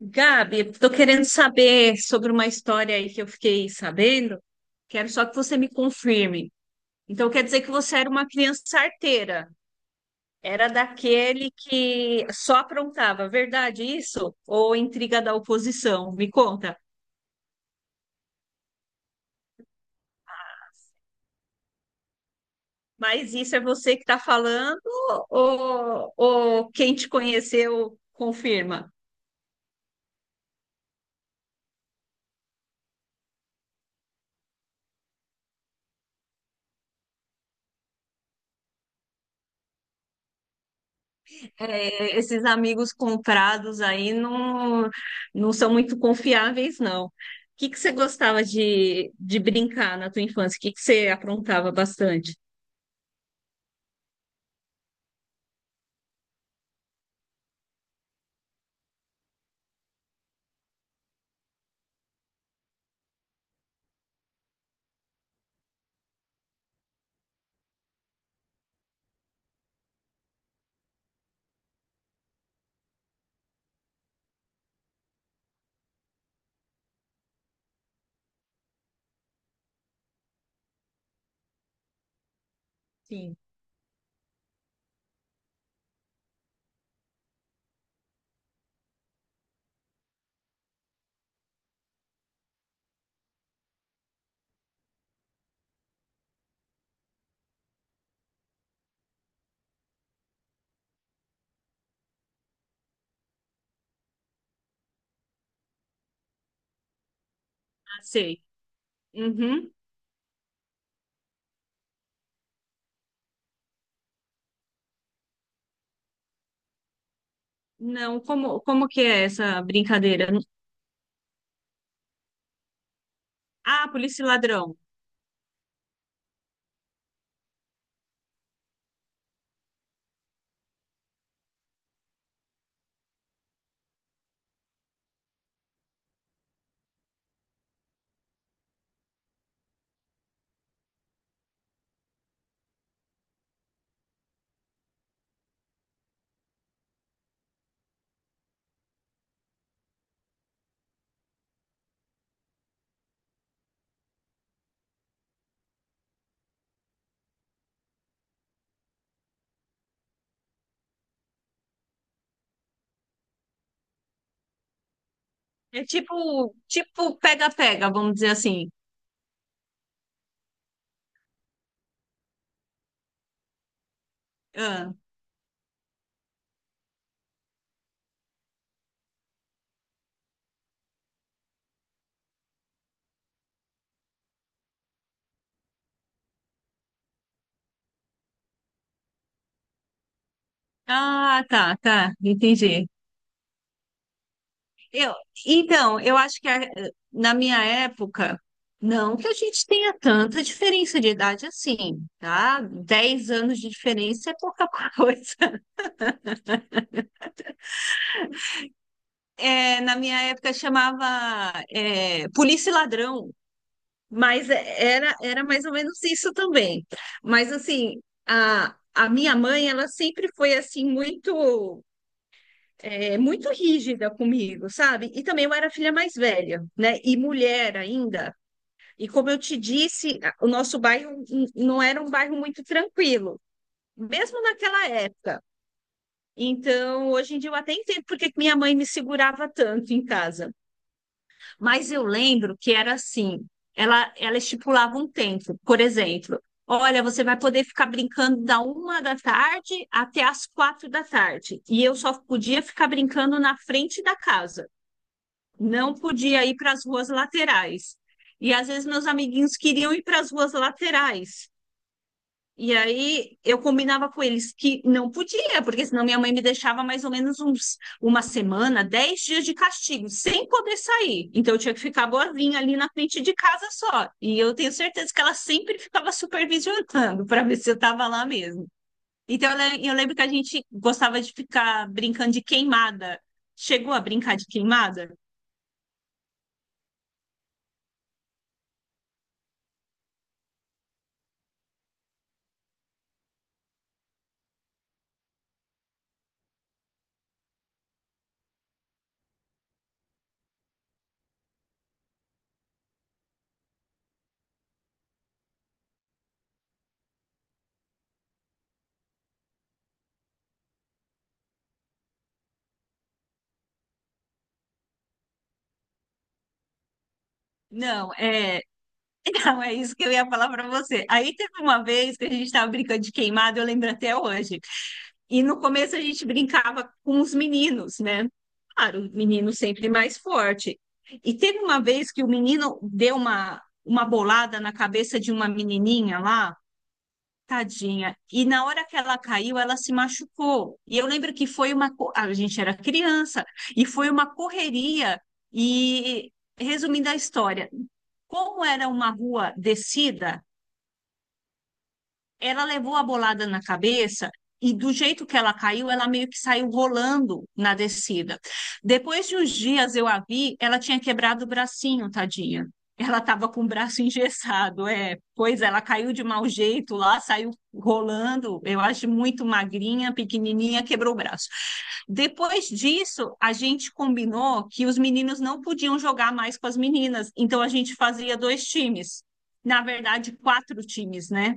Gabi, estou querendo saber sobre uma história aí que eu fiquei sabendo. Quero só que você me confirme. Então, quer dizer que você era uma criança arteira? Era daquele que só aprontava, verdade isso? Ou intriga da oposição? Me conta. Mas isso é você que está falando ou quem te conheceu confirma? É, esses amigos comprados aí não, não são muito confiáveis, não. O que que você gostava de brincar na tua infância? O que que você aprontava bastante? Sim. Ah, sei. Uhum. Não, como que é essa brincadeira? Ah, polícia e ladrão. É tipo pega-pega, vamos dizer assim. Ah, ah, tá, tá, entendi. Eu, então, eu acho que na minha época, não que a gente tenha tanta diferença de idade assim, tá? 10 anos de diferença é pouca coisa. É, na minha época chamava, é, polícia e ladrão, mas era mais ou menos isso também. Mas assim, a minha mãe, ela sempre foi assim muito rígida comigo, sabe? E também eu era a filha mais velha, né? E mulher ainda. E como eu te disse, o nosso bairro não era um bairro muito tranquilo, mesmo naquela época. Então, hoje em dia eu até entendo por que que minha mãe me segurava tanto em casa. Mas eu lembro que era assim, ela estipulava um tempo, por exemplo, olha, você vai poder ficar brincando da uma da tarde até as quatro da tarde. E eu só podia ficar brincando na frente da casa, não podia ir para as ruas laterais. E às vezes meus amiguinhos queriam ir para as ruas laterais. E aí eu combinava com eles que não podia, porque senão minha mãe me deixava mais ou menos uns uma semana, 10 dias de castigo, sem poder sair. Então eu tinha que ficar boazinha ali na frente de casa só. E eu tenho certeza que ela sempre ficava supervisionando para ver se eu estava lá mesmo. Então eu lembro que a gente gostava de ficar brincando de queimada. Chegou a brincar de queimada? Não, é Não, é isso que eu ia falar para você. Aí teve uma vez que a gente estava brincando de queimado, eu lembro até hoje. E no começo a gente brincava com os meninos, né? Claro, o menino sempre mais forte. E teve uma vez que o menino deu uma bolada na cabeça de uma menininha lá. Tadinha. E na hora que ela caiu, ela se machucou. E eu lembro que a gente era criança, e foi uma correria. E, resumindo a história, como era uma rua descida, ela levou a bolada na cabeça e do jeito que ela caiu, ela meio que saiu rolando na descida. Depois de uns dias eu a vi, ela tinha quebrado o bracinho, tadinha. Ela estava com o braço engessado, é. Pois ela caiu de mau jeito lá, saiu rolando, eu acho muito magrinha, pequenininha, quebrou o braço. Depois disso, a gente combinou que os meninos não podiam jogar mais com as meninas, então a gente fazia dois times. Na verdade, quatro times, né?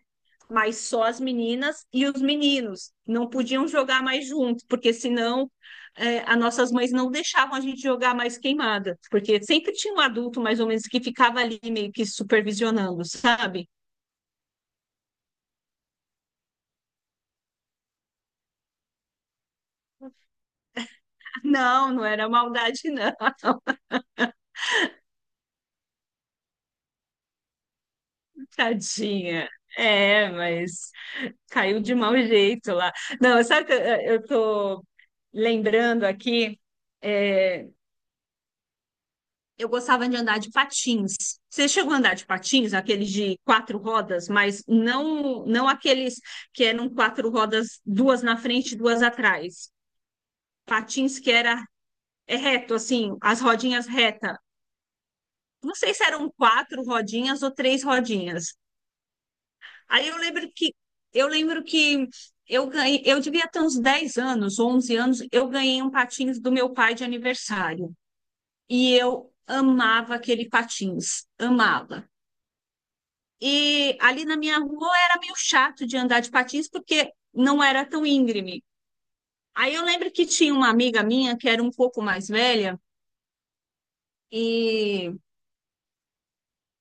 Mas só as meninas e os meninos não podiam jogar mais junto, porque senão é, as nossas mães não deixavam a gente jogar mais queimada, porque sempre tinha um adulto mais ou menos que ficava ali meio que supervisionando, sabe? Não, não era maldade, não. tadinha. É, mas caiu de mau jeito lá. Não, sabe que eu tô lembrando aqui, é, eu gostava de andar de patins. Você chegou a andar de patins, aqueles de quatro rodas, mas não aqueles que eram quatro rodas, duas na frente, e duas atrás. Patins que era é reto, assim, as rodinhas reta. Não sei se eram quatro rodinhas ou três rodinhas. Aí eu lembro que eu ganhei, eu devia ter uns 10 anos, 11 anos, eu ganhei um patins do meu pai de aniversário. E eu amava aquele patins, amava. E ali na minha rua era meio chato de andar de patins porque não era tão íngreme. Aí eu lembro que tinha uma amiga minha que era um pouco mais velha e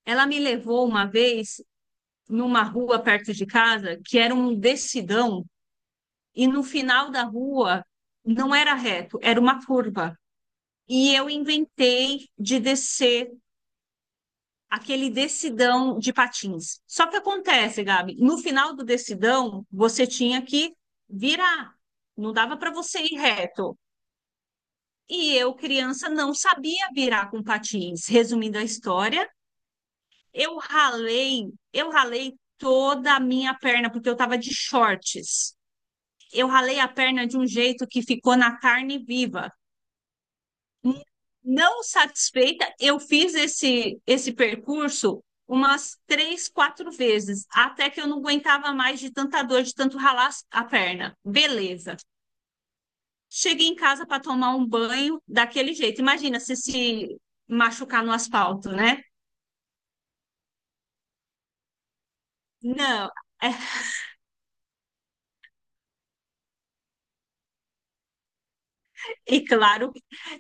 ela me levou uma vez numa rua perto de casa que era um descidão e no final da rua não era reto, era uma curva. E eu inventei de descer aquele decidão de patins. Só que acontece, Gabi, no final do decidão, você tinha que virar. Não dava para você ir reto. E eu, criança, não sabia virar com patins. Resumindo a história, eu ralei, eu ralei toda a minha perna porque eu estava de shorts. Eu ralei a perna de um jeito que ficou na carne viva. N- Não satisfeita, eu fiz esse percurso umas três, quatro vezes, até que eu não aguentava mais de tanta dor, de tanto ralar a perna. Beleza. Cheguei em casa para tomar um banho daquele jeito. Imagina se machucar no asfalto, né? Não. E claro,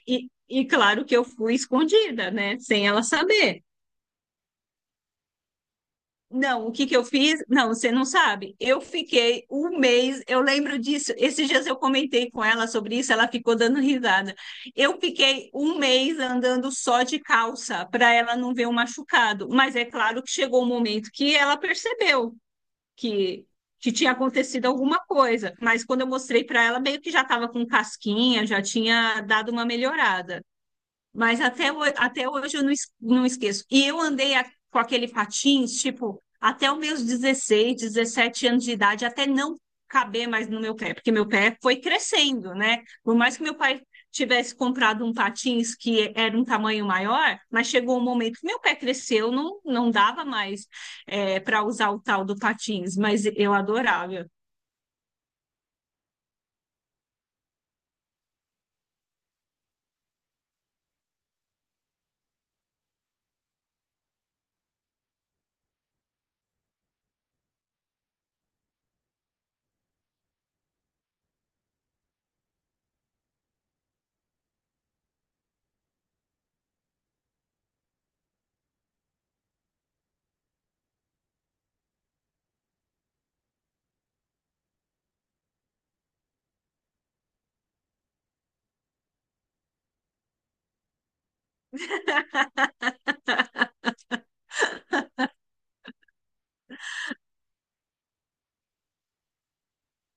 e claro que eu fui escondida, né? Sem ela saber. Não, o que que eu fiz? Não, você não sabe. Eu fiquei um mês, eu lembro disso. Esses dias eu comentei com ela sobre isso, ela ficou dando risada. Eu fiquei um mês andando só de calça para ela não ver o machucado. Mas é claro que chegou um momento que ela percebeu que, que tinha acontecido alguma coisa. Mas quando eu mostrei para ela, meio que já estava com casquinha, já tinha dado uma melhorada. Mas até, até hoje eu não, não esqueço. E eu andei com aquele patins, tipo, até os meus 16, 17 anos de idade, até não caber mais no meu pé, porque meu pé foi crescendo, né? Por mais que meu pai tivesse comprado um patins que era um tamanho maior, mas chegou um momento que meu pé cresceu, não, não dava mais para usar o tal do patins, mas eu adorava.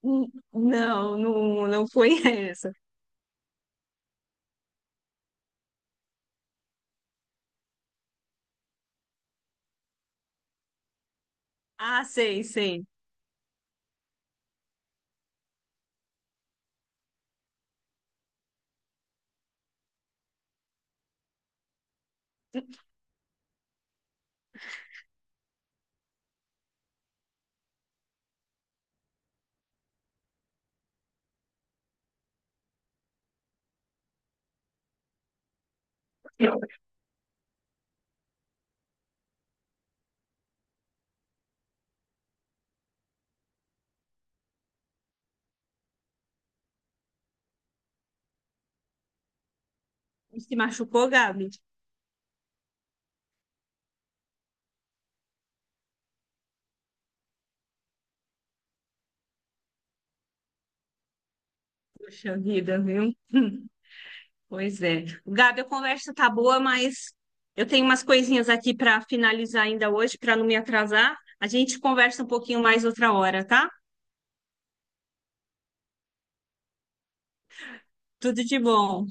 Hum. Não, não, não foi essa. Ah, sei, sei. Se machucou, Gabi? Puxa vida, viu? Pois é. Gabi, a conversa tá boa, mas eu tenho umas coisinhas aqui para finalizar ainda hoje, para não me atrasar. A gente conversa um pouquinho mais outra hora, tá? Tudo de bom.